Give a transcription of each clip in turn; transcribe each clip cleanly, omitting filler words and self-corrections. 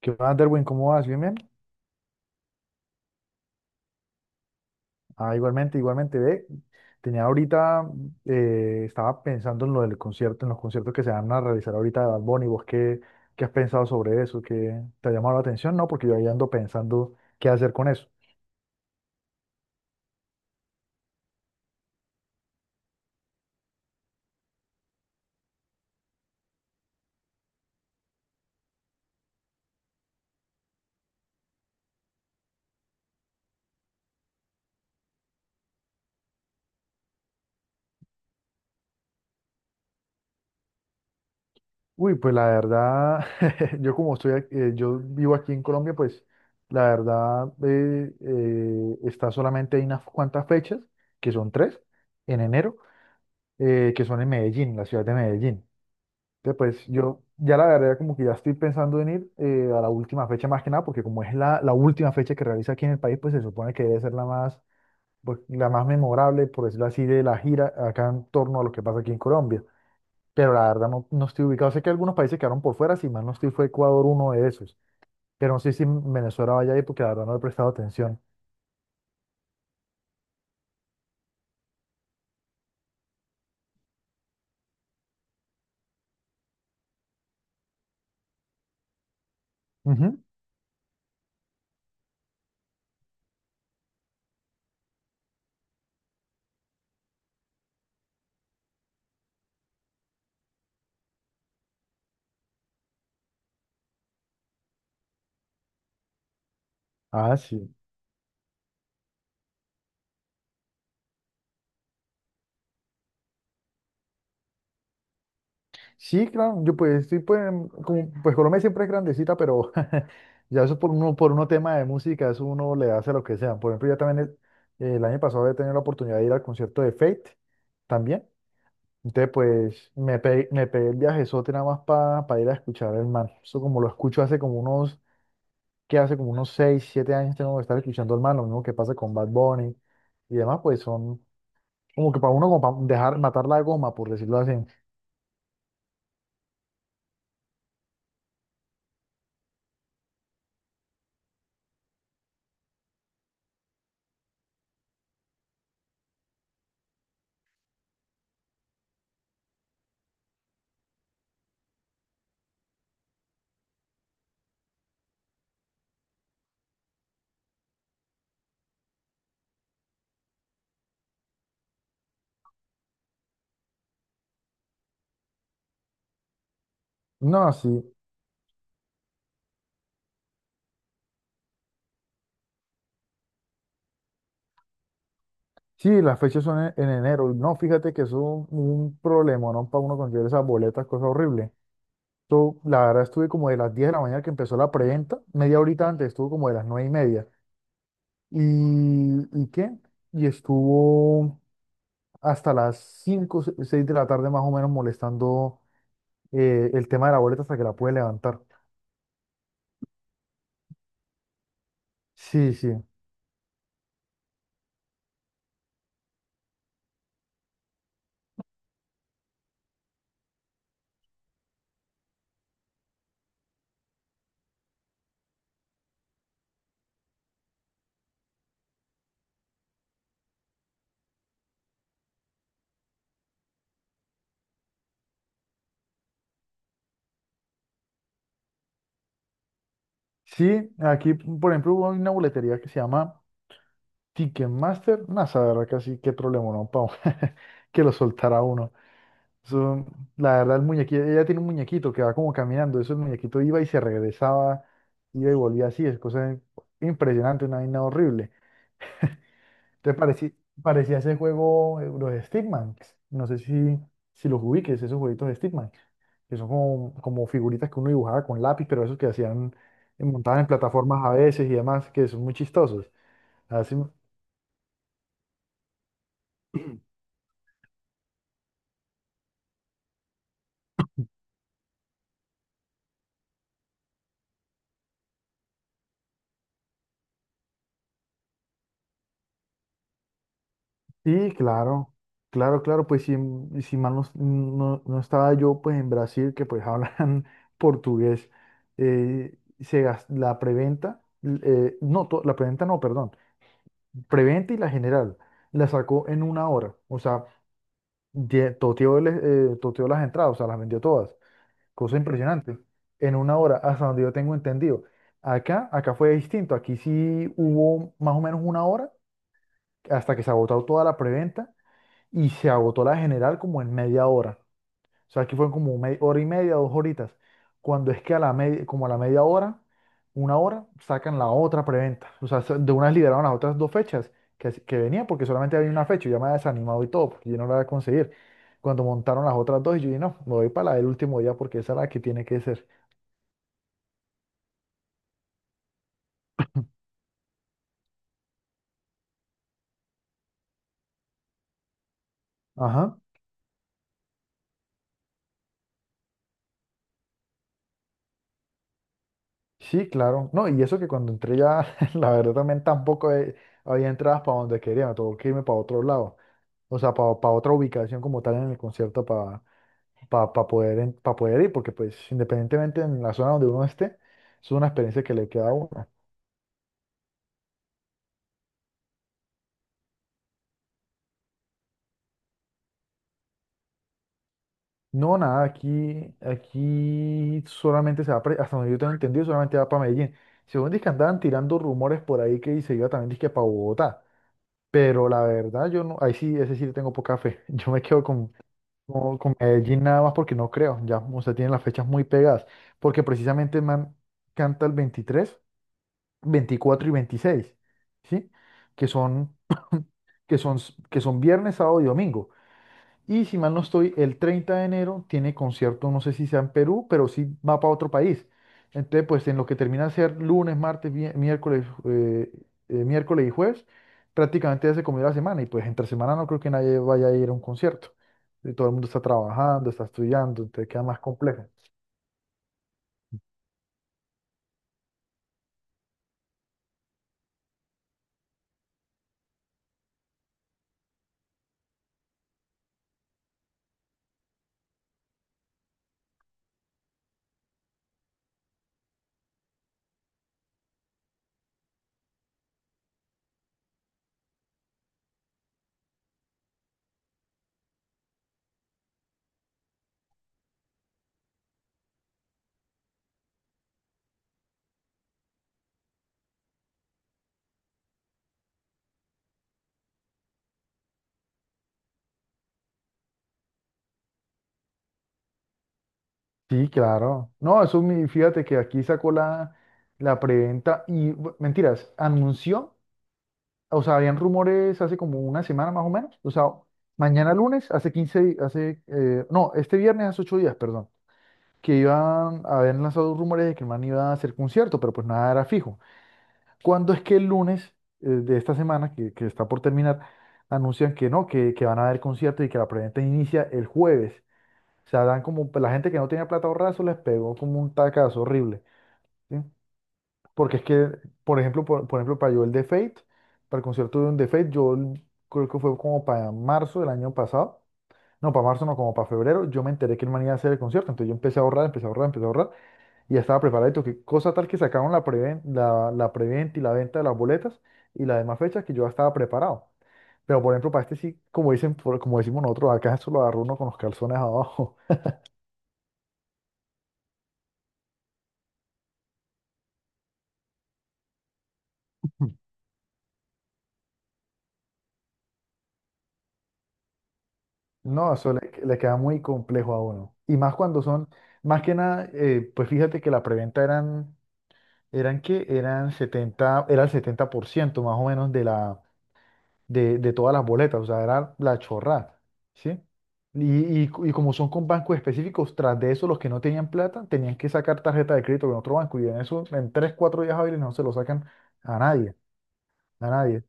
¿Qué más, Derwin? ¿Cómo vas? ¿Bien, bien? Ah, igualmente, igualmente, ve. Tenía ahorita, estaba pensando en lo del concierto, en los conciertos que se van a realizar ahorita de Bad Bunny. ¿Vos qué has pensado sobre eso? ¿Qué te ha llamado la atención? No, porque yo ahí ando pensando qué hacer con eso. Uy, pues la verdad, yo como estoy, ac- yo vivo aquí en Colombia, pues la verdad está solamente hay unas cuantas fechas, que son tres, en enero, que son en Medellín, la ciudad de Medellín. Que pues yo ya la verdad como que ya estoy pensando en ir a la última fecha más que nada, porque como es la última fecha que realiza aquí en el país, pues se supone que debe ser la más memorable, por decirlo así, de la gira acá en torno a lo que pasa aquí en Colombia. Pero la verdad no estoy ubicado. Sé que algunos países quedaron por fuera, si mal no estoy, fue Ecuador uno de esos. Pero no sé si Venezuela vaya ahí porque la verdad no he prestado atención. Ujú. Ah, sí. Sí, claro, yo pues sí, pues, pues Colombia siempre es grandecita, pero ya eso por uno tema de música, eso uno le hace lo que sea. Por ejemplo, ya también el año pasado he tenido la oportunidad de ir al concierto de Fate también. Entonces, pues me pegué el viajezote nada más para ir a escuchar al man. Eso como lo escucho hace como unos, que hace como unos 6 7 años tengo que estar escuchando al man, lo mismo que pasa con Bad Bunny y demás, pues son como que para uno como para dejar matar la goma, por decirlo así. No, sí. Sí, las fechas son en enero. No, fíjate que eso es un problema, ¿no? Para uno conseguir esas boletas, cosa horrible. Yo, la verdad, estuve como de las 10 de la mañana que empezó la preventa, media horita antes, estuvo como de las 9 y media. ¿Y qué? Y estuvo hasta las 5, 6 de la tarde más o menos molestando el tema de la boleta hasta que la pude levantar. Sí, sí. Sí, aquí, por ejemplo, hubo una boletería que se llama Ticketmaster. No, esa verdad, casi qué problema, ¿no? Para que lo soltara uno. Eso, la verdad, el muñequito, ella tiene un muñequito que va como caminando. Eso el muñequito iba y se regresaba, iba y volvía así. Es cosa impresionante, una vaina horrible. Entonces parecía ese juego, los Stickman. No sé si los ubiques, esos jueguitos de Stickman, que son como figuritas que uno dibujaba con lápiz, pero esos que hacían, montaban en plataformas a veces y demás, que son muy chistosos. Así, sí, claro, claro, claro, pues si mal no, no estaba yo pues en Brasil, que pues hablan portugués, la preventa, no, la preventa no, perdón, preventa y la general, la sacó en una hora, o sea, toteó las entradas, o sea, las vendió todas, cosa impresionante, en una hora, hasta donde yo tengo entendido. Acá fue distinto, aquí sí hubo más o menos una hora hasta que se agotó toda la preventa y se agotó la general como en media hora. O sea, aquí fueron como media, hora y media, 2 horitas. Cuando es que a la media hora, una hora, sacan la otra preventa. O sea, de unas liberaron las otras dos fechas que, que venía porque solamente había una fecha. Yo me había desanimado y todo, porque yo no la iba a conseguir. Cuando montaron las otras dos, yo dije, no, me voy para la del último día porque esa es la que tiene que ser. Ajá, sí, claro. No, y eso que cuando entré ya, la verdad también tampoco había entradas para donde quería, me tuvo que irme para otro lado. O sea, para otra ubicación como tal en el concierto, para poder, en- pa poder ir, porque pues independientemente en la zona donde uno esté, es una experiencia que le queda a uno. No, nada, aquí solamente hasta donde yo tengo entendido, solamente va para Medellín. Según dice que andaban tirando rumores por ahí que se iba también disque para Bogotá, pero la verdad yo no, ahí sí, ese sí le tengo poca fe. Yo me quedo con Medellín nada más porque no creo, ya, o sea, tienen las fechas muy pegadas, porque precisamente el man canta el 23 24 y 26, ¿sí? Que son, que son, que son viernes, sábado y domingo. Y si mal no estoy, el 30 de enero tiene concierto, no sé si sea en Perú, pero sí va para otro país. Entonces, pues en lo que termina de ser lunes, martes, miércoles y jueves, prácticamente ya se comió la semana. Y pues entre semana no creo que nadie vaya a ir a un concierto. Todo el mundo está trabajando, está estudiando, entonces queda más complejo. Sí, claro. No, eso fíjate que aquí sacó la preventa y mentiras, anunció, o sea, habían rumores hace como una semana más o menos, o sea, mañana lunes, hace 15, hace, no, este viernes hace 8 días, perdón, que iban, habían lanzado rumores de que el man iba a hacer concierto, pero pues nada era fijo. ¿Cuándo es que el lunes de esta semana, que está por terminar, anuncian que no, que van a haber concierto y que la preventa inicia el jueves? O sea, dan como, la gente que no tenía plata ahorrada, eso les pegó como un tacazo horrible, ¿sí? Porque es que, por ejemplo, para yo el de Fate, para el concierto de un de Fate, yo creo que fue como para marzo del año pasado, no, para marzo no, como para febrero, yo me enteré que el man iba a hacer el concierto, entonces yo empecé a ahorrar, empecé a ahorrar, empecé a ahorrar, y ya estaba preparado, que cosa tal que sacaron la preventa, la preventa y la venta de las boletas y las demás fechas que yo ya estaba preparado. Pero, por ejemplo, para este sí, como dicen, como decimos nosotros, acá eso lo agarró uno con los calzones abajo. No, eso le queda muy complejo a uno. Y más cuando son, más que nada, pues fíjate que la preventa eran que eran 70 era el 70% más o menos de todas las boletas, o sea, era la chorrada, ¿sí? Y como son con bancos específicos, tras de eso los que no tenían plata tenían que sacar tarjeta de crédito con otro banco y en eso, en 3 4 días hábiles no se lo sacan a nadie, a nadie.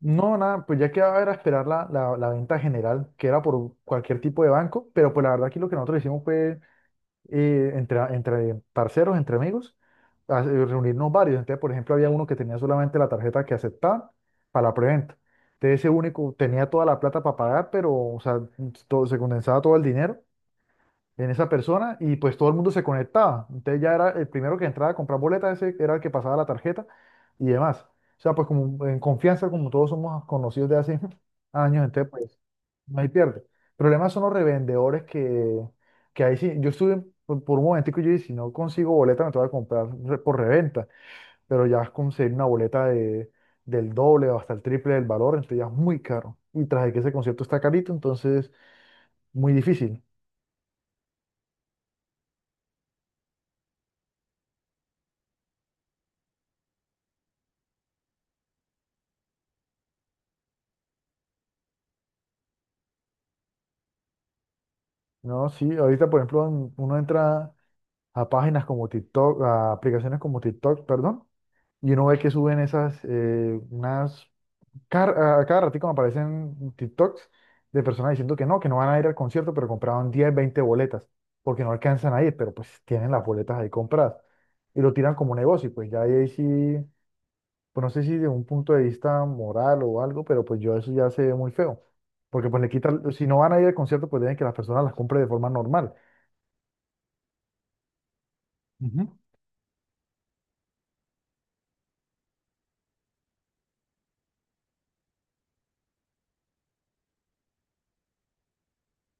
No, nada, pues ya quedaba era esperar la venta general, que era por cualquier tipo de banco, pero pues la verdad aquí lo que nosotros hicimos fue entre parceros, entre amigos, reunirnos varios. Entonces, por ejemplo, había uno que tenía solamente la tarjeta que aceptaba para la preventa. Entonces, ese único tenía toda la plata para pagar, pero, o sea, todo, se condensaba todo el dinero en esa persona y pues todo el mundo se conectaba. Entonces ya era el primero que entraba a comprar boletas, ese era el que pasaba la tarjeta y demás. O sea, pues como en confianza, como todos somos conocidos de hace años, entonces pues no hay pierde. Problemas son los revendedores que ahí sí, yo estuve por un momentico y yo dije, si no consigo boleta me tengo que comprar por reventa, pero ya conseguir una boleta del doble o hasta el triple del valor, entonces ya es muy caro. Y tras de que ese concierto está carito, entonces muy difícil. No, sí, ahorita por ejemplo uno entra a páginas como TikTok, a aplicaciones como TikTok, perdón, y uno ve que suben esas, unas, car- a cada ratito me aparecen TikToks de personas diciendo que no, van a ir al concierto, pero compraron 10 20 boletas, porque no alcanzan a ir, pero pues tienen las boletas ahí compradas, y lo tiran como negocio, y pues ya ahí sí, pues no sé si de un punto de vista moral o algo, pero pues yo eso ya se ve muy feo, porque pues le quitan, si no van a ir al concierto, pues deben que las personas las compren de forma normal. Ujú.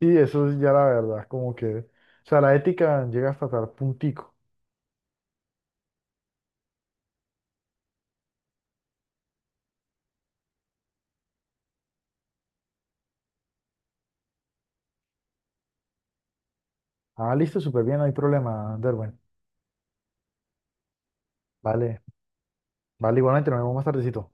Y eso es ya la verdad, como que, o sea, la ética llega hasta tal puntico. Ah, listo, súper bien, no hay problema, Derwen. Vale, vale, igualmente, nos vemos más tardecito.